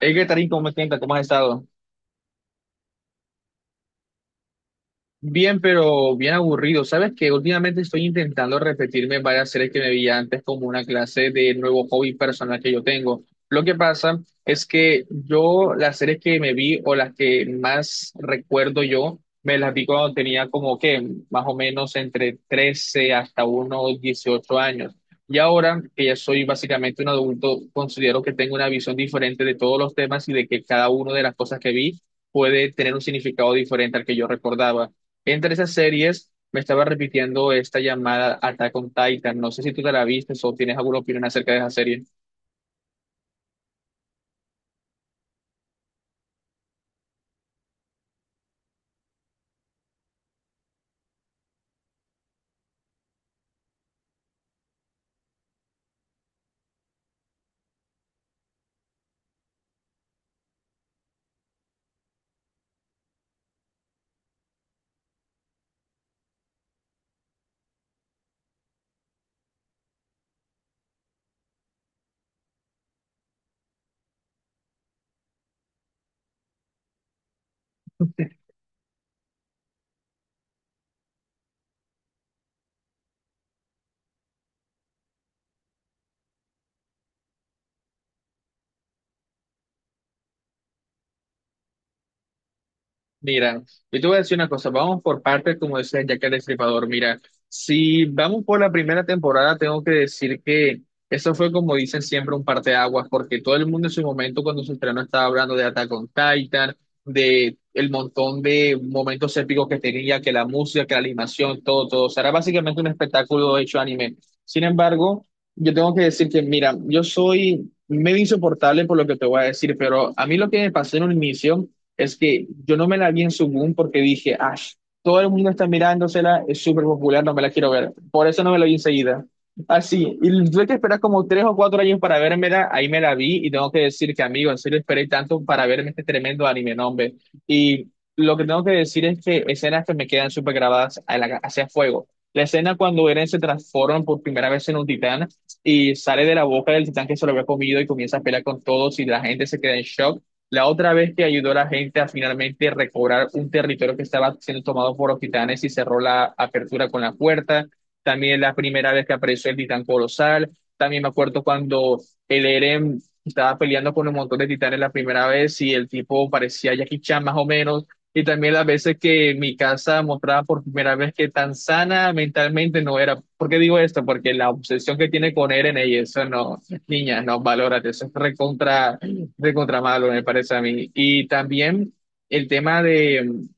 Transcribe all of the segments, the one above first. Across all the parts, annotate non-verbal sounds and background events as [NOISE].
Hey, Tarín, ¿cómo te sientes? ¿Cómo has estado? Bien, pero bien aburrido. Sabes que últimamente estoy intentando repetirme varias series que me vi antes como una clase de nuevo hobby personal que yo tengo. Lo que pasa es que yo las series que me vi o las que más recuerdo yo, me las vi cuando tenía como que más o menos entre 13 hasta unos 18 años. Y ahora que ya soy básicamente un adulto, considero que tengo una visión diferente de todos los temas y de que cada una de las cosas que vi puede tener un significado diferente al que yo recordaba. Entre esas series me estaba repitiendo esta llamada Attack on Titan. No sé si tú te la viste o tienes alguna opinión acerca de esa serie. Mira, yo te voy a decir una cosa, vamos por partes, como decía Jack el Destripador. Mira, si vamos por la primera temporada, tengo que decir que eso fue como dicen siempre un parteaguas, porque todo el mundo en su momento cuando se estrenó estaba hablando de Attack on Titan, de el montón de momentos épicos que tenía, que la música, que la animación, todo, todo. O sea, era básicamente un espectáculo hecho anime. Sin embargo, yo tengo que decir que, mira, yo soy medio insoportable por lo que te voy a decir, pero a mí lo que me pasó en un inicio es que yo no me la vi en su porque dije, ah, todo el mundo está mirándosela, es súper popular, no me la quiero ver. Por eso no me la vi enseguida. Así, y tuve que esperar como 3 o 4 años para vérmela, ahí me la vi y tengo que decir que, amigo, en serio esperé tanto para verme este tremendo anime, no, hombre. Y lo que tengo que decir es que escenas que me quedan súper grabadas hacia fuego. La escena cuando Eren se transforma por primera vez en un titán y sale de la boca del titán que se lo había comido y comienza a pelear con todos y la gente se queda en shock. La otra vez que ayudó a la gente a finalmente recobrar un territorio que estaba siendo tomado por los titanes y cerró la apertura con la puerta. También la primera vez que apareció el titán colosal. También me acuerdo cuando el Eren estaba peleando con un montón de titanes la primera vez y el tipo parecía Jackie Chan más o menos. Y también las veces que mi casa mostraba por primera vez que tan sana mentalmente no era. ¿Por qué digo esto? Porque la obsesión que tiene con Eren y eso no, niña, no, valórate, eso es recontra malo, me parece a mí. Y también el tema de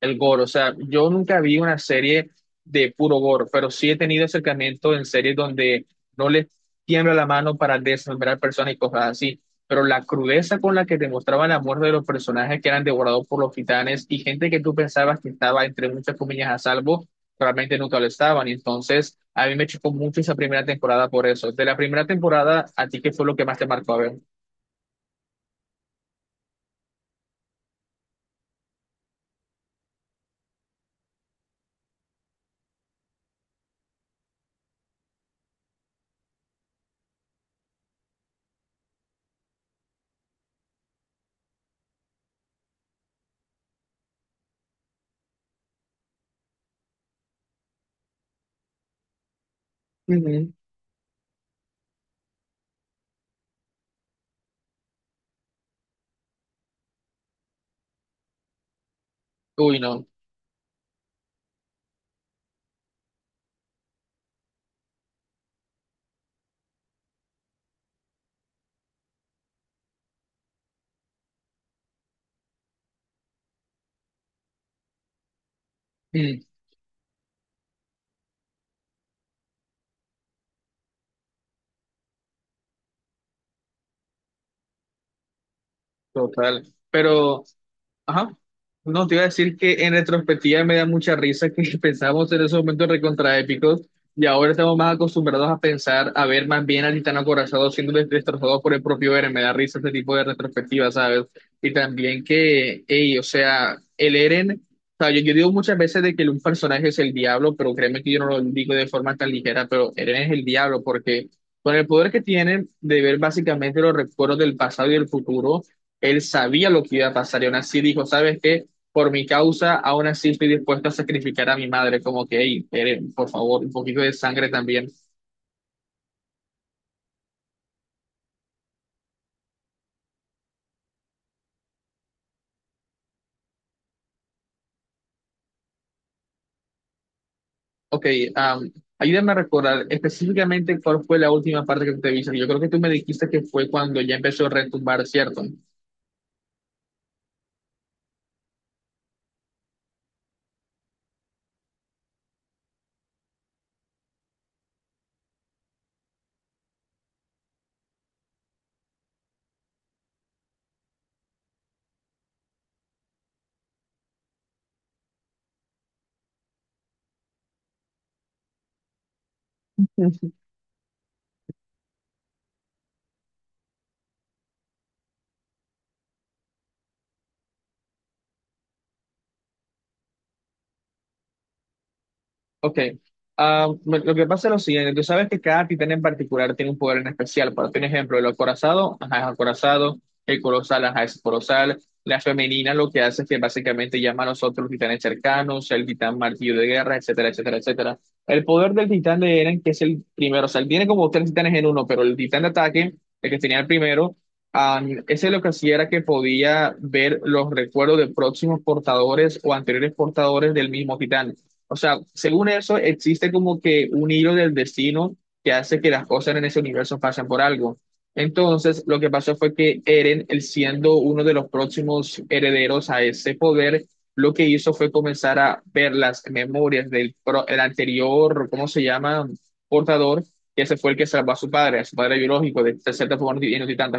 el gore. O sea, yo nunca vi una serie de puro gore, pero sí he tenido acercamiento en series donde no les tiembla la mano para desmembrar personas y cosas así. Pero la crudeza con la que demostraban la muerte de los personajes que eran devorados por los titanes y gente que tú pensabas que estaba entre muchas comillas a salvo, realmente nunca lo estaban. Y entonces, a mí me chocó mucho esa primera temporada por eso. De la primera temporada, ¿a ti qué fue lo que más te marcó a ver? Ujú. Uy, no. Mm. Total, pero, ajá, no te iba a decir que en retrospectiva me da mucha risa que [LAUGHS] pensábamos en esos momentos recontraépicos y ahora estamos más acostumbrados a pensar, a ver más bien a Titán acorazado siendo destrozado por el propio Eren, me da risa este tipo de retrospectiva, ¿sabes? Y también que, ey, o sea, el Eren, o sea, yo digo muchas veces de que un personaje es el diablo, pero créeme que yo no lo digo de forma tan ligera, pero Eren es el diablo porque con el poder que tiene de ver básicamente los recuerdos del pasado y del futuro, él sabía lo que iba a pasar y aún así dijo, ¿sabes qué? Por mi causa, aún así estoy dispuesto a sacrificar a mi madre, como que, "Ey, Eren, por favor, un poquito de sangre también". Ok. am, Ayúdame a recordar específicamente cuál fue la última parte que tú te viste. Yo creo que tú me dijiste que fue cuando ya empezó a retumbar, ¿cierto? Ok. Lo que pasa es lo siguiente, tú sabes que cada titán en particular tiene un poder en especial, por ejemplo, el acorazado, ajá, es acorazado, el colosal, ajá, es colosal, la femenina lo que hace es que básicamente llama a los otros titanes cercanos, el titán martillo de guerra, etcétera, etcétera, etcétera. El poder del titán de Eren, que es el primero, o sea, él tiene como tres titanes en uno, pero el titán de ataque, el que tenía el primero, ah, ese lo que hacía era que podía ver los recuerdos de próximos portadores o anteriores portadores del mismo titán. O sea, según eso, existe como que un hilo del destino que hace que las cosas en ese universo pasen por algo. Entonces, lo que pasó fue que Eren, él siendo uno de los próximos herederos a ese poder, lo que hizo fue comenzar a ver las memorias el anterior, ¿cómo se llama? Portador, que ese fue el que salvó a su padre biológico, de cierta forma, y no estoy tan de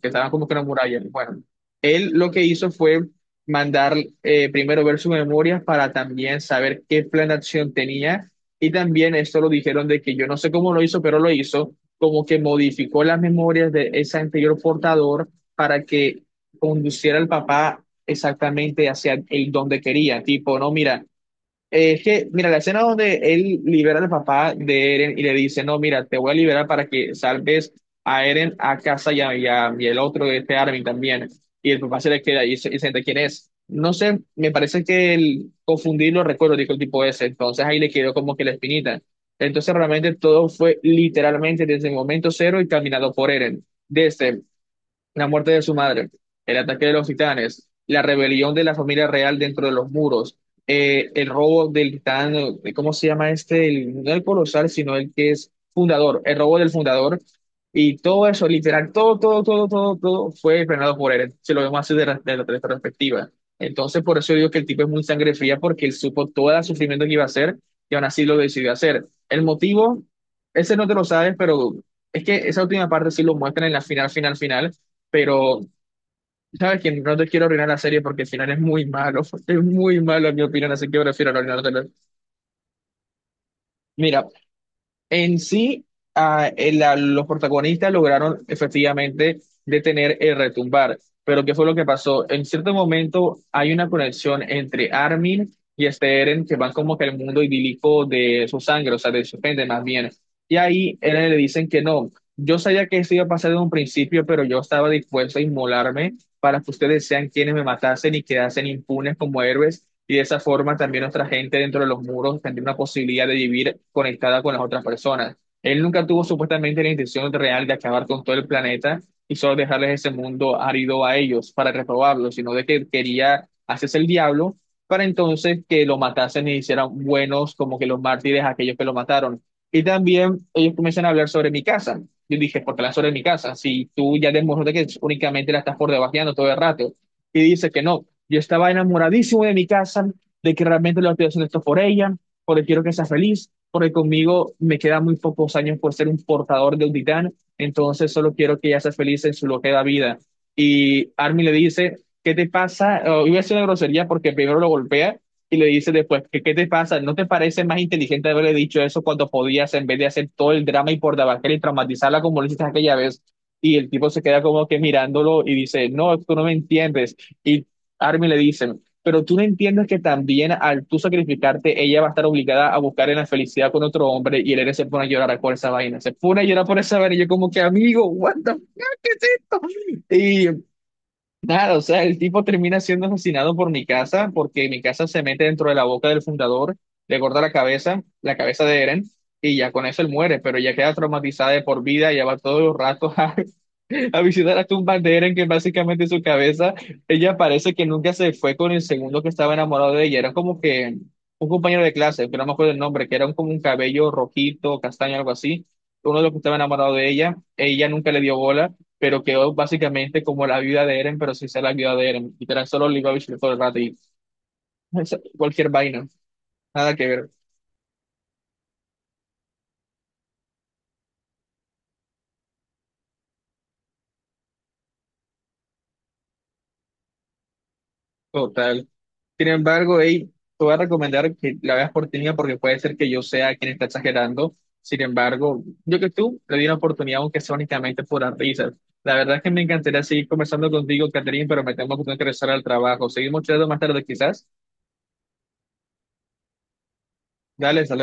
que estaban como que en una muralla. Bueno, él lo que hizo fue mandar primero ver su memoria para también saber qué plan de acción tenía. Y también esto lo dijeron de que yo no sé cómo lo hizo, pero lo hizo, como que modificó las memorias de ese anterior portador para que conduciera al papá exactamente hacia el donde quería. Tipo, no, mira, es que, mira, la escena donde él libera al papá de Eren y le dice, no, mira, te voy a liberar para que salves a Eren, a casa y el otro de este Armin también. Y el papá se le queda y se entera quién es. No sé, me parece que el confundir los recuerdos, dijo el tipo ese. Entonces ahí le quedó como que la espinita. Entonces realmente todo fue literalmente desde el momento cero y caminado por Eren. Desde la muerte de su madre, el ataque de los titanes, la rebelión de la familia real dentro de los muros, el robo del titán, ¿cómo se llama este? El- no el colosal, sino el que es fundador, el robo del fundador. Y todo eso, literal, todo, todo, todo, todo, todo fue frenado por él, si lo vemos así de esta perspectiva. Entonces, por eso digo que el tipo es muy sangre fría, porque él supo todo el sufrimiento que iba a hacer y aún así lo decidió hacer. El motivo, ese no te lo sabes, pero es que esa última parte sí lo muestran en la final, final, final, pero sabes que no te quiero arruinar la serie porque el final es muy malo, [LAUGHS] es muy malo en mi opinión, así que prefiero no arruinártelo. Mira, en sí, los protagonistas lograron efectivamente detener el retumbar. Pero ¿qué fue lo que pasó? En cierto momento hay una conexión entre Armin y este Eren que van como que al mundo idílico de su sangre, o sea, de su gente más bien. Y ahí Eren le dicen que no. Yo sabía que esto iba a pasar desde un principio, pero yo estaba dispuesto a inmolarme para que ustedes sean quienes me matasen y quedasen impunes como héroes y de esa forma también nuestra gente dentro de los muros tendría una posibilidad de vivir conectada con las otras personas. Él nunca tuvo supuestamente la intención real de acabar con todo el planeta y solo dejarles ese mundo árido a ellos para reprobarlo, sino de que quería hacerse el diablo para entonces que lo matasen y hicieran buenos como que los mártires a aquellos que lo mataron. Y también ellos comienzan a hablar sobre mi casa. Yo dije, ¿por qué hablas sobre mi casa? Si tú ya demostraste que únicamente la estás por debajeando todo el rato. Y dice que no, yo estaba enamoradísimo de mi casa, de que realmente lo estoy haciendo esto por ella, porque quiero que sea feliz, porque conmigo me quedan muy pocos años por ser un portador de un titán, entonces solo quiero que ella sea feliz en su lo que da vida. Y Armin le dice, ¿qué te pasa? Oh, iba a hacer una grosería porque primero lo golpea y le dice después, ¿qué te pasa? ¿No te parece más inteligente haberle dicho eso cuando podías en vez de hacer todo el drama y por debacle y traumatizarla como lo hiciste aquella vez? Y el tipo se queda como que mirándolo y dice, no, tú no me entiendes. Y Armin le dicen, pero tú no entiendes que también al tú sacrificarte, ella va a estar obligada a buscar en la felicidad con otro hombre y el héroe se pone a llorar por esa vaina, se pone a llorar por esa vaina y yo como que amigo, what the fuck, ¿qué es esto? Y nada, o sea, el tipo termina siendo asesinado por mi casa porque mi casa se mete dentro de la boca del fundador, le corta la cabeza de Eren. Y ya con eso él muere, pero ya queda traumatizada de por vida, ya va todos los ratos [LAUGHS] a visitar a un Bandera, en que básicamente su cabeza, ella parece que nunca se fue con el segundo que estaba enamorado de ella. Era como que un compañero de clase, pero no me acuerdo el nombre, que era un- como un cabello rojito, castaño, algo así. Uno de los que estaba enamorado de ella, ella nunca le dio bola, pero quedó básicamente como la viuda de Eren, pero sin ser la viuda de Eren. Literal, solo le iba a visitar todo el rato y [LAUGHS] cualquier vaina, nada que ver. Total. Sin embargo, hey, te voy a recomendar que la veas por ti misma porque puede ser que yo sea quien está exagerando. Sin embargo, yo que tú le di una oportunidad, aunque sea únicamente por las risas. La verdad es que me encantaría seguir conversando contigo, Catherine, pero me tengo que regresar al trabajo. Seguimos charlando más tarde, quizás. Dale, saludos.